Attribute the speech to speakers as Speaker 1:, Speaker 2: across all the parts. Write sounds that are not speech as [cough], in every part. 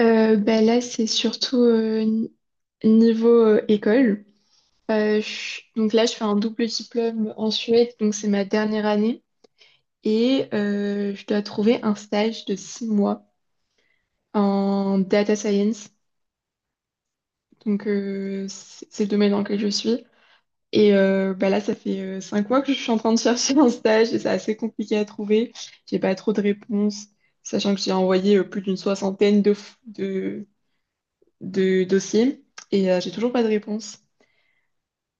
Speaker 1: Bah là, c'est surtout niveau école. Donc là, je fais un double diplôme en Suède, donc c'est ma dernière année. Et je dois trouver un stage de 6 mois en data science. Donc c'est le domaine dans lequel je suis. Et bah là, ça fait 5 mois que je suis en train de chercher un stage et c'est assez compliqué à trouver. J'ai pas trop de réponses, sachant que j'ai envoyé plus d'une soixantaine de dossiers et j'ai toujours pas de réponse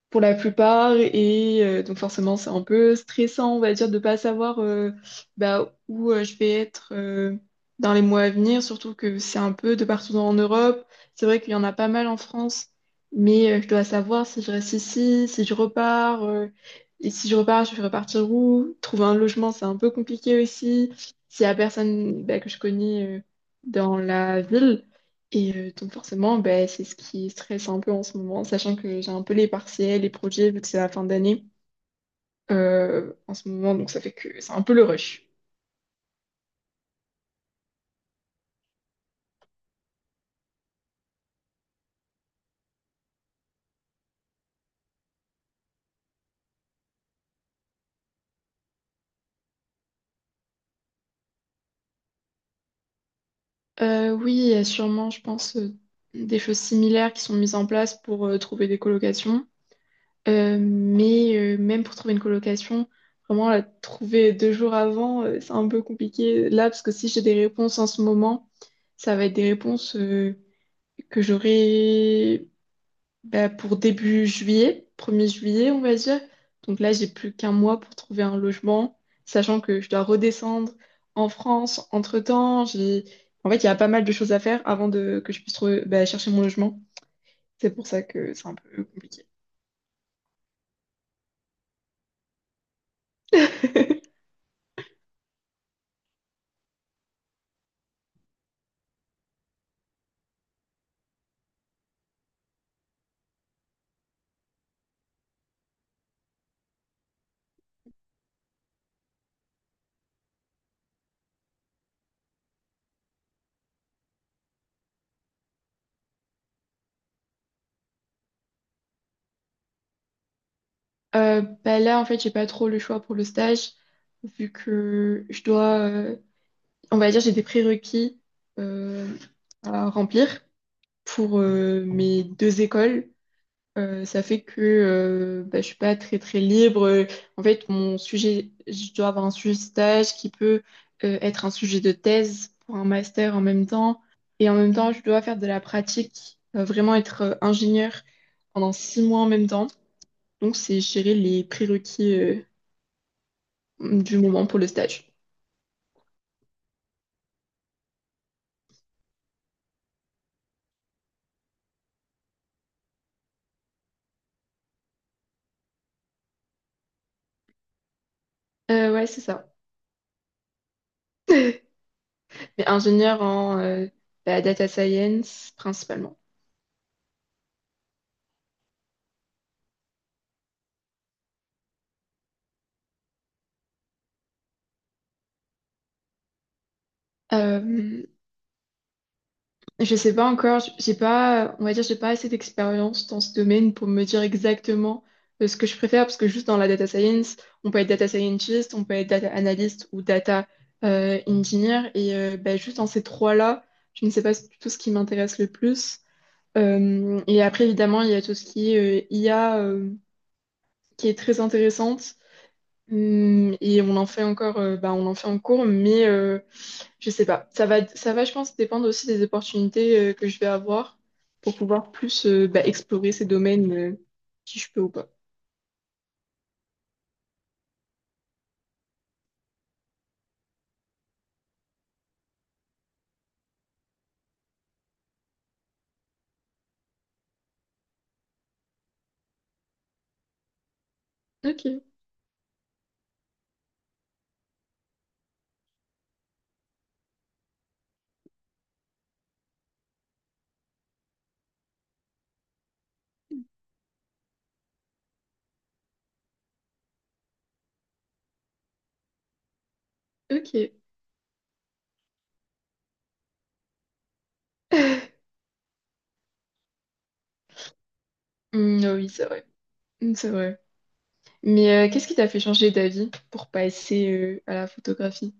Speaker 1: pour la plupart. Et donc forcément, c'est un peu stressant, on va dire, de pas savoir, bah, où je vais être dans les mois à venir, surtout que c'est un peu de partout en Europe. C'est vrai qu'il y en a pas mal en France, mais je dois savoir si je reste ici, si je repars. Et si je repars, je vais repartir où? Trouver un logement, c'est un peu compliqué aussi. S'il y a personne, bah, que je connais, dans la ville. Et donc forcément, ben, c'est ce qui stresse un peu en ce moment, sachant que j'ai un peu les partiels, les projets, vu que c'est la fin d'année en ce moment, donc ça fait que c'est un peu le rush. Oui, il y a sûrement, je pense, des choses similaires qui sont mises en place pour trouver des colocations. Mais, même pour trouver une colocation, vraiment la trouver 2 jours avant, c'est un peu compliqué là, parce que si j'ai des réponses en ce moment, ça va être des réponses que j'aurai, bah, pour début juillet, 1er juillet, on va dire. Donc là, j'ai plus qu'un mois pour trouver un logement, sachant que je dois redescendre en France. Entre-temps, j'ai... En fait, il y a pas mal de choses à faire avant de... que je puisse bah, chercher mon logement. C'est pour ça que c'est un peu compliqué. Bah là, en fait, j'ai pas trop le choix pour le stage, vu que je dois... On va dire, j'ai des prérequis euh, à remplir pour mes deux écoles. Ça fait que bah, je suis pas très très libre. En fait, mon sujet, je dois avoir un sujet de stage qui peut être un sujet de thèse pour un master en même temps. Et en même temps, je dois faire de la pratique, vraiment être ingénieur pendant 6 mois en même temps. Donc, c'est gérer les prérequis du moment pour le stage. Ouais, c'est ça. Mais ingénieur en, bah, data science principalement. Euh, Je sais pas encore, j'ai pas, on va dire, j'ai pas assez d'expérience dans ce domaine pour me dire exactement ce que je préfère, parce que juste dans la data science, on peut être data scientist, on peut être data analyst ou data engineer, et bah, juste dans ces trois-là, je ne sais pas du tout ce qui m'intéresse le plus. Et après, évidemment, il y a tout ce qui est IA, qui est très intéressante. Et on en fait encore, bah, on en fait en cours, mais je sais pas. Ça va, je pense, dépendre aussi des opportunités que je vais avoir pour pouvoir plus, bah, explorer ces domaines, si je peux ou pas. Ok, ok. [laughs] Hmm, ah oui, c'est vrai. Hmm, c'est vrai. Mais, qu'est-ce qui t'a fait changer d'avis pour passer à la photographie?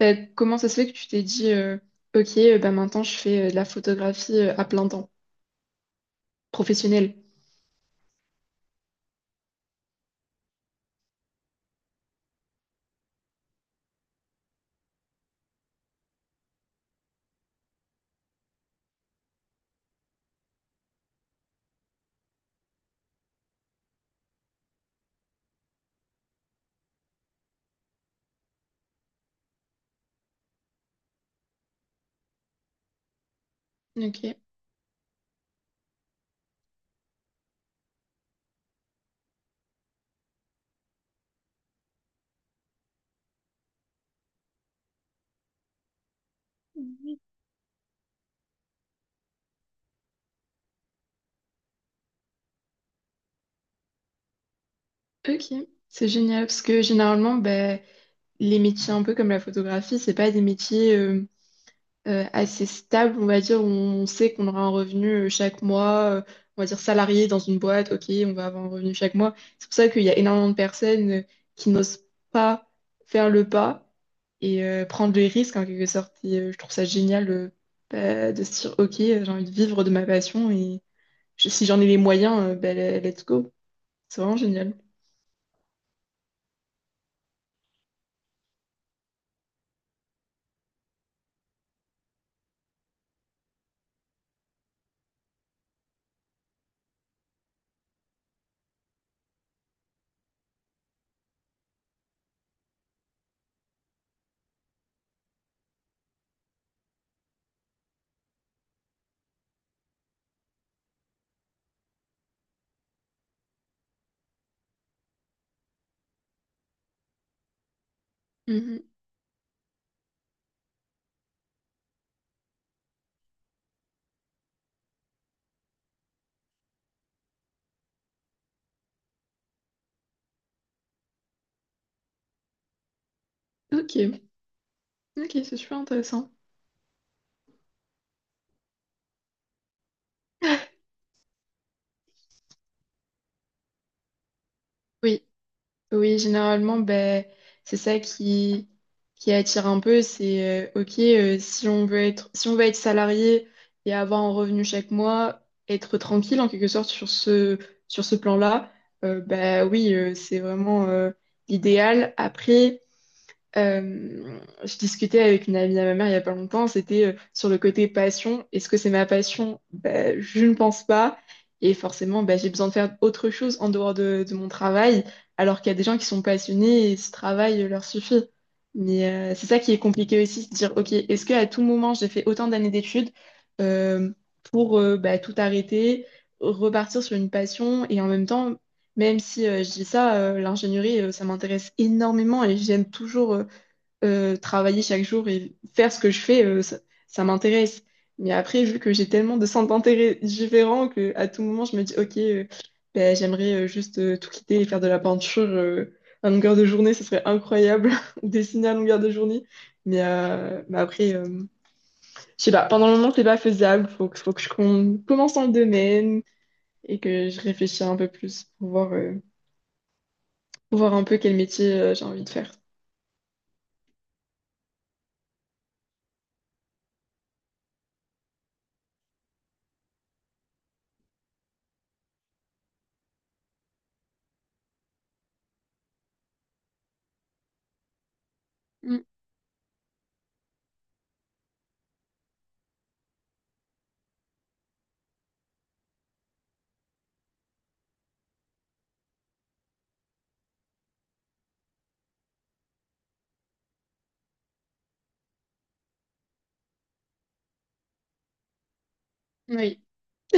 Speaker 1: Bah, comment ça se fait que tu t'es dit, ok, bah, maintenant je fais de la photographie à plein temps, professionnelle. Ok, ok. C'est génial parce que généralement, bah, les métiers un peu comme la photographie, c'est pas des métiers assez stable, on va dire, où on sait qu'on aura un revenu chaque mois, on va dire salarié dans une boîte, ok, on va avoir un revenu chaque mois. C'est pour ça qu'il y a énormément de personnes qui n'osent pas faire le pas et prendre des risques en quelque sorte. Et je trouve ça génial, bah, de se dire, ok, j'ai envie de vivre de ma passion et si j'en ai les moyens, bah, let's go. C'est vraiment génial. Mhm. Ok, ok, c'est super intéressant. Oui. Oui, généralement, ben, c'est ça qui attire un peu. C'est, OK, si on veut être salarié et avoir un revenu chaque mois, être tranquille en quelque sorte sur ce plan-là, ben oui, c'est vraiment l'idéal. Après, je discutais avec une amie à ma mère il y a pas longtemps, c'était sur le côté passion. Est-ce que c'est ma passion? Ben, je ne pense pas. Et forcément, ben, j'ai besoin de faire autre chose en dehors de mon travail, alors qu'il y a des gens qui sont passionnés et ce travail leur suffit. Mais, c'est ça qui est compliqué aussi, de dire, OK, est-ce qu'à tout moment, j'ai fait autant d'années d'études euh, pour, ben, tout arrêter, repartir sur une passion et en même temps... Même si, je dis ça, l'ingénierie, ça m'intéresse énormément et j'aime toujours, travailler chaque jour et faire ce que je fais, ça, ça m'intéresse. Mais après, vu que j'ai tellement de centres d'intérêt différents que à tout moment, je me dis, OK, ben, j'aimerais juste tout quitter et faire de la peinture à longueur de journée, ce serait incroyable, [laughs] ou dessiner à longueur de journée. Mais après, je sais pas, pendant le moment, c'est pas faisable. Faut que je commence dans le domaine et que je réfléchisse un peu plus pour voir, pour voir un peu quel métier j'ai envie de faire. Mm. Oui.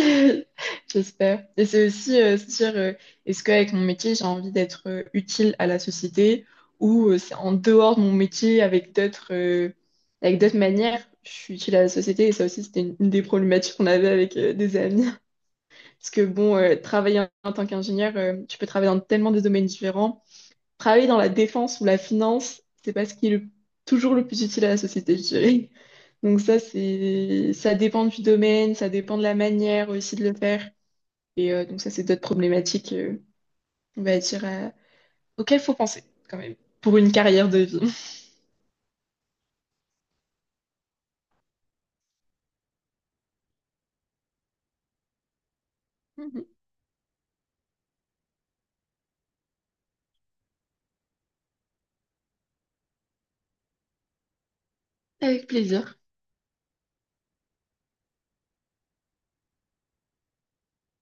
Speaker 1: [laughs] J'espère. Et c'est aussi, se dire, est-ce qu'avec mon métier, j'ai envie d'être utile à la société, ou c'est en dehors de mon métier avec d'autres, avec d'autres manières, je suis utile à la société. Et ça aussi, c'était une des problématiques qu'on avait avec des amis. [laughs] Parce que bon, travailler en tant qu'ingénieur, tu peux travailler dans tellement de domaines différents. Travailler dans la défense ou la finance, c'est pas ce qui est toujours le plus utile à la société, je dirais. [laughs] Donc ça, ça dépend du domaine, ça dépend de la manière aussi de le faire. Et donc ça, c'est d'autres problématiques, on va dire, auxquelles faut penser quand même pour une carrière de vie. [laughs] Avec plaisir.